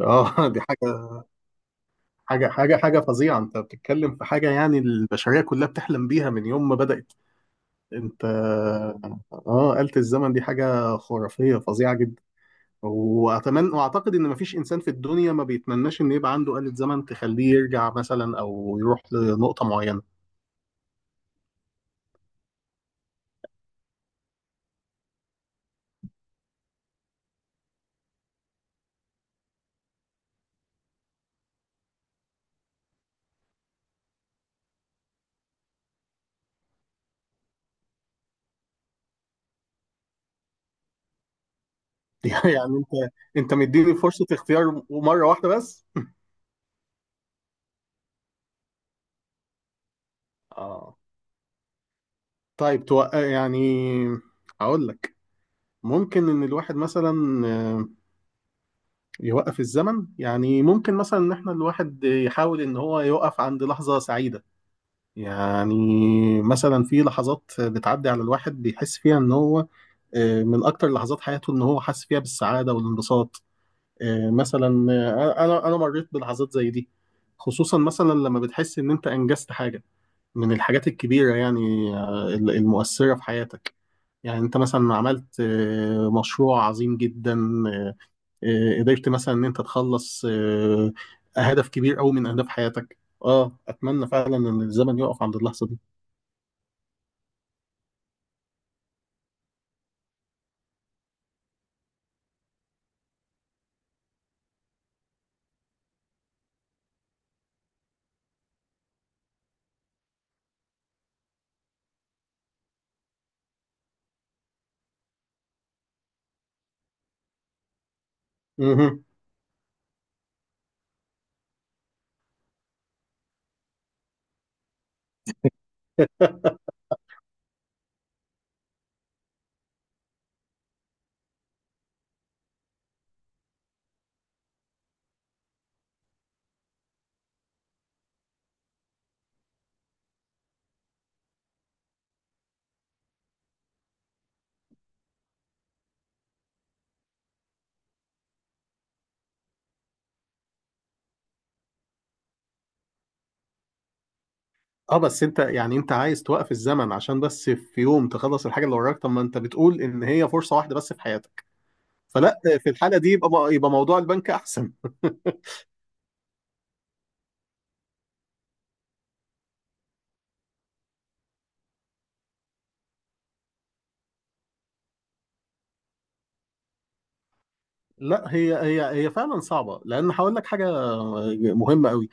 اه، دي حاجة حاجة فظيعة. انت بتتكلم في حاجة يعني البشرية كلها بتحلم بيها من يوم ما بدأت. انت اه، آلة الزمن دي حاجة خرافية فظيعة جدا. واتمنى واعتقد ان مفيش انسان في الدنيا ما بيتمناش ان يبقى عنده آلة زمن تخليه يرجع مثلا او يروح لنقطة معينة. يعني انت مديني فرصة اختيار مرة واحدة بس. اه، طيب يعني اقول لك، ممكن ان الواحد مثلا يوقف الزمن. يعني ممكن مثلا ان احنا الواحد يحاول ان هو يوقف عند لحظة سعيدة. يعني مثلا في لحظات بتعدي على الواحد بيحس فيها ان هو من اكتر لحظات حياته ان هو حاسس فيها بالسعادة والانبساط. مثلا، انا مريت بلحظات زي دي، خصوصا مثلا لما بتحس ان انت انجزت حاجة من الحاجات الكبيرة، يعني المؤثرة في حياتك. يعني انت مثلا عملت مشروع عظيم جدا، آه، قدرت مثلا ان انت تخلص هدف كبير قوي من اهداف حياتك. اه، اتمنى فعلا ان الزمن يقف عند اللحظة دي. مهم. اه، بس انت يعني انت عايز توقف الزمن عشان بس في يوم تخلص الحاجة اللي وراك؟ طب ما انت بتقول ان هي فرصة واحدة بس في حياتك، فلا، في الحالة دي يبقى موضوع البنك احسن. لا، هي فعلا صعبة، لأن هقول لك حاجة مهمة قوي.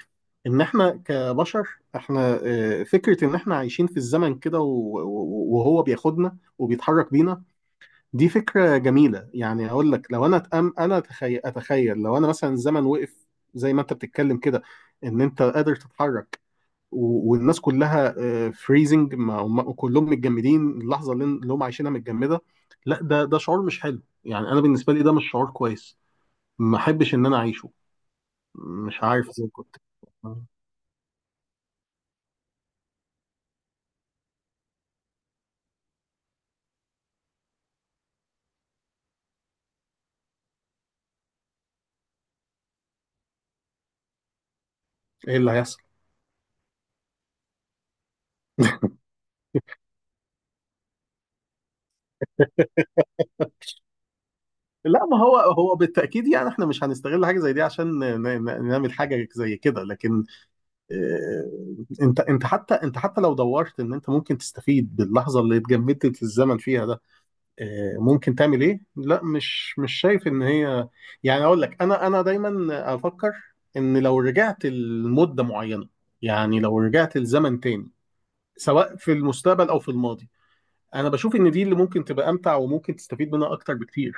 إن إحنا كبشر، إحنا فكرة إن إحنا عايشين في الزمن كده وهو بياخدنا وبيتحرك بينا، دي فكرة جميلة. يعني هقول لك لو أنا أتأم أنا أتخيل أتخيل لو أنا مثلا الزمن وقف، زي ما أنت بتتكلم كده، إن أنت قادر تتحرك، والناس كلها فريزنج، وكلهم متجمدين، اللحظة اللي هم عايشينها متجمدة. لا، ده شعور مش حلو. يعني أنا بالنسبة لي ده مش شعور كويس، ما احبش ان انا اعيشه. مش عارف زي كنت ايه اللي هيحصل. لا، ما هو هو بالتاكيد يعني احنا مش هنستغل حاجه زي دي عشان نعمل حاجه زي كده. لكن آه، انت حتى لو دورت ان انت ممكن تستفيد باللحظه اللي اتجمدت في الزمن فيها ده، ممكن تعمل ايه؟ لا، مش شايف ان هي، يعني اقول لك، انا دايما افكر ان لو رجعت لمده معينه، يعني لو رجعت لزمن تاني، سواء في المستقبل او في الماضي، انا بشوف ان دي اللي ممكن تبقى امتع وممكن تستفيد منها اكتر بكتير.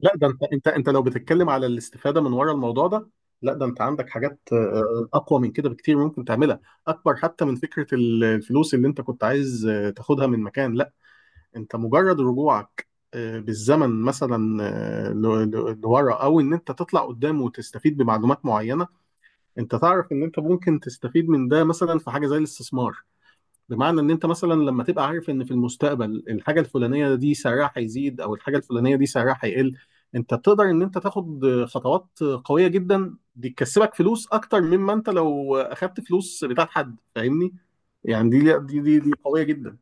لا، ده انت لو بتتكلم على الاستفاده من ورا الموضوع ده، لا، ده انت عندك حاجات اقوى من كده بكتير ممكن تعملها، اكبر حتى من فكره الفلوس اللي انت كنت عايز تاخدها من مكان. لا، انت مجرد رجوعك بالزمن مثلا لورا، او ان انت تطلع قدام وتستفيد بمعلومات معينه، انت تعرف ان انت ممكن تستفيد من ده مثلا في حاجه زي الاستثمار. بمعنى ان انت مثلا لما تبقى عارف ان في المستقبل الحاجه الفلانيه دي سعرها هيزيد، او الحاجه الفلانيه دي سعرها هيقل، انت تقدر ان انت تاخد خطوات قويه جدا دي تكسبك فلوس اكتر مما انت لو اخدت فلوس بتاعت حد. فاهمني؟ يعني دي قويه جدا.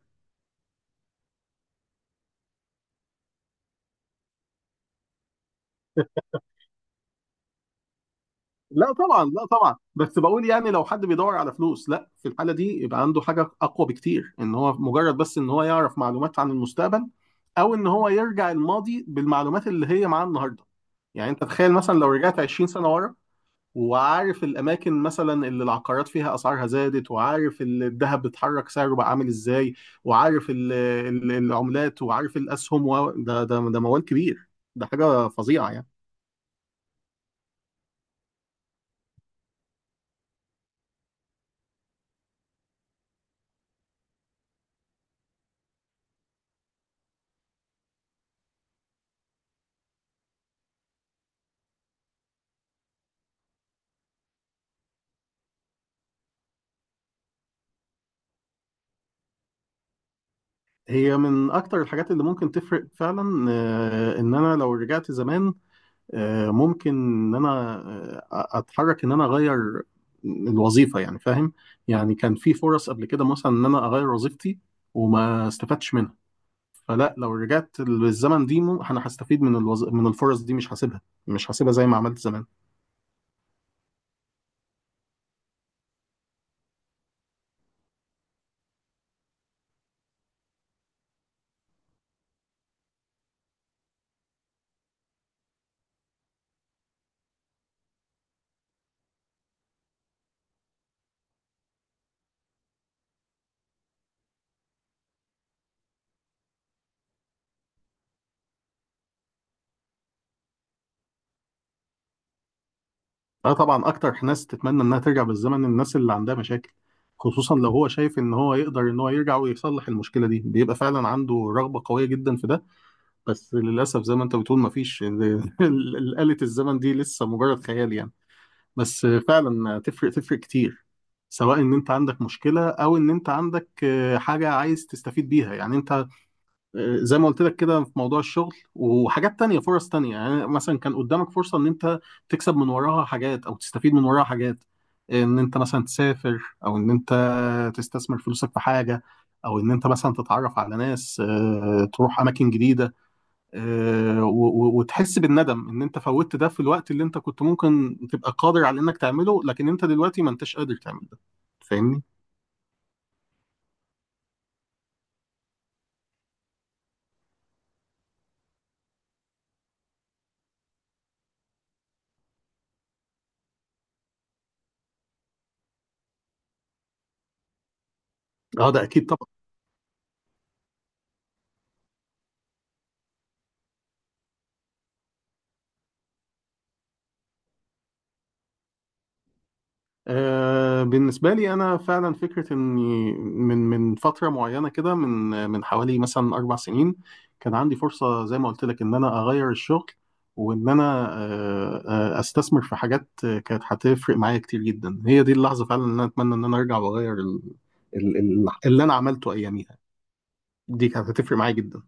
لا طبعا، لا طبعا، بس بقول يعني لو حد بيدور على فلوس، لا، في الحاله دي يبقى عنده حاجه اقوى بكتير ان هو مجرد بس ان هو يعرف معلومات عن المستقبل، او ان هو يرجع الماضي بالمعلومات اللي هي معاه النهارده. يعني انت تخيل مثلا لو رجعت 20 سنه ورا، وعارف الاماكن مثلا اللي العقارات فيها اسعارها زادت، وعارف الذهب بيتحرك سعره بقى عامل ازاي، وعارف العملات، وعارف الاسهم ده موال كبير، ده حاجه فظيعه يعني. هي من اكتر الحاجات اللي ممكن تفرق فعلا، ان انا لو رجعت زمان، ممكن ان انا اتحرك ان انا اغير الوظيفه، يعني فاهم؟ يعني كان في فرص قبل كده مثلا ان انا اغير وظيفتي وما استفدتش منها. فلا، لو رجعت للزمن دي انا هستفيد من من الفرص دي، مش هسيبها، مش هسيبها زي ما عملت زمان. اه طبعا، اكتر ناس تتمنى انها ترجع بالزمن الناس اللي عندها مشاكل. خصوصا لو هو شايف ان هو يقدر ان هو يرجع ويصلح المشكله دي بيبقى فعلا عنده رغبه قويه جدا في ده. بس للاسف زي ما انت بتقول مفيش آلة الزمن دي لسه مجرد خيال يعني. بس فعلا تفرق، تفرق كتير، سواء ان انت عندك مشكله او ان انت عندك حاجه عايز تستفيد بيها. يعني انت زي ما قلت لك كده في موضوع الشغل، وحاجات تانية، فرص تانية، يعني مثلا كان قدامك فرصة ان انت تكسب من وراها حاجات او تستفيد من وراها حاجات، ان انت مثلا تسافر، او ان انت تستثمر فلوسك في حاجة، او ان انت مثلا تتعرف على ناس، تروح اماكن جديدة، وتحس بالندم ان انت فوتت ده في الوقت اللي انت كنت ممكن تبقى قادر على انك تعمله، لكن انت دلوقتي ما انتش قادر تعمل ده. فاهمني؟ اه ده اكيد. بالنسبة لي أنا فعلا فكرة إني من فترة معينة كده، من من حوالي مثلا 4 سنين، كان عندي فرصة زي ما قلت لك إن أنا أغير الشغل، وإن أنا أستثمر في حاجات كانت هتفرق معايا كتير جدا. هي دي اللحظة فعلا إن أنا أتمنى إن أنا أرجع وأغير اللي أنا عملته أياميها. دي كانت هتفرق معايا جدا.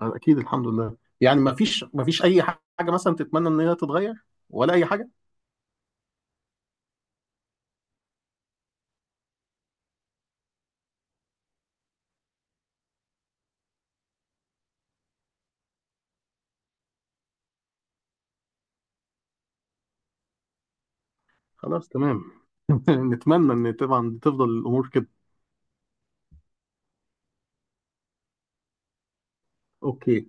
أكيد، الحمد لله. يعني ما فيش أي حاجة مثلا تتمنى إن هي تتغير، ولا أي حاجة؟ خلاص، تمام. نتمنى ان طبعا تفضل الامور كده. اوكي.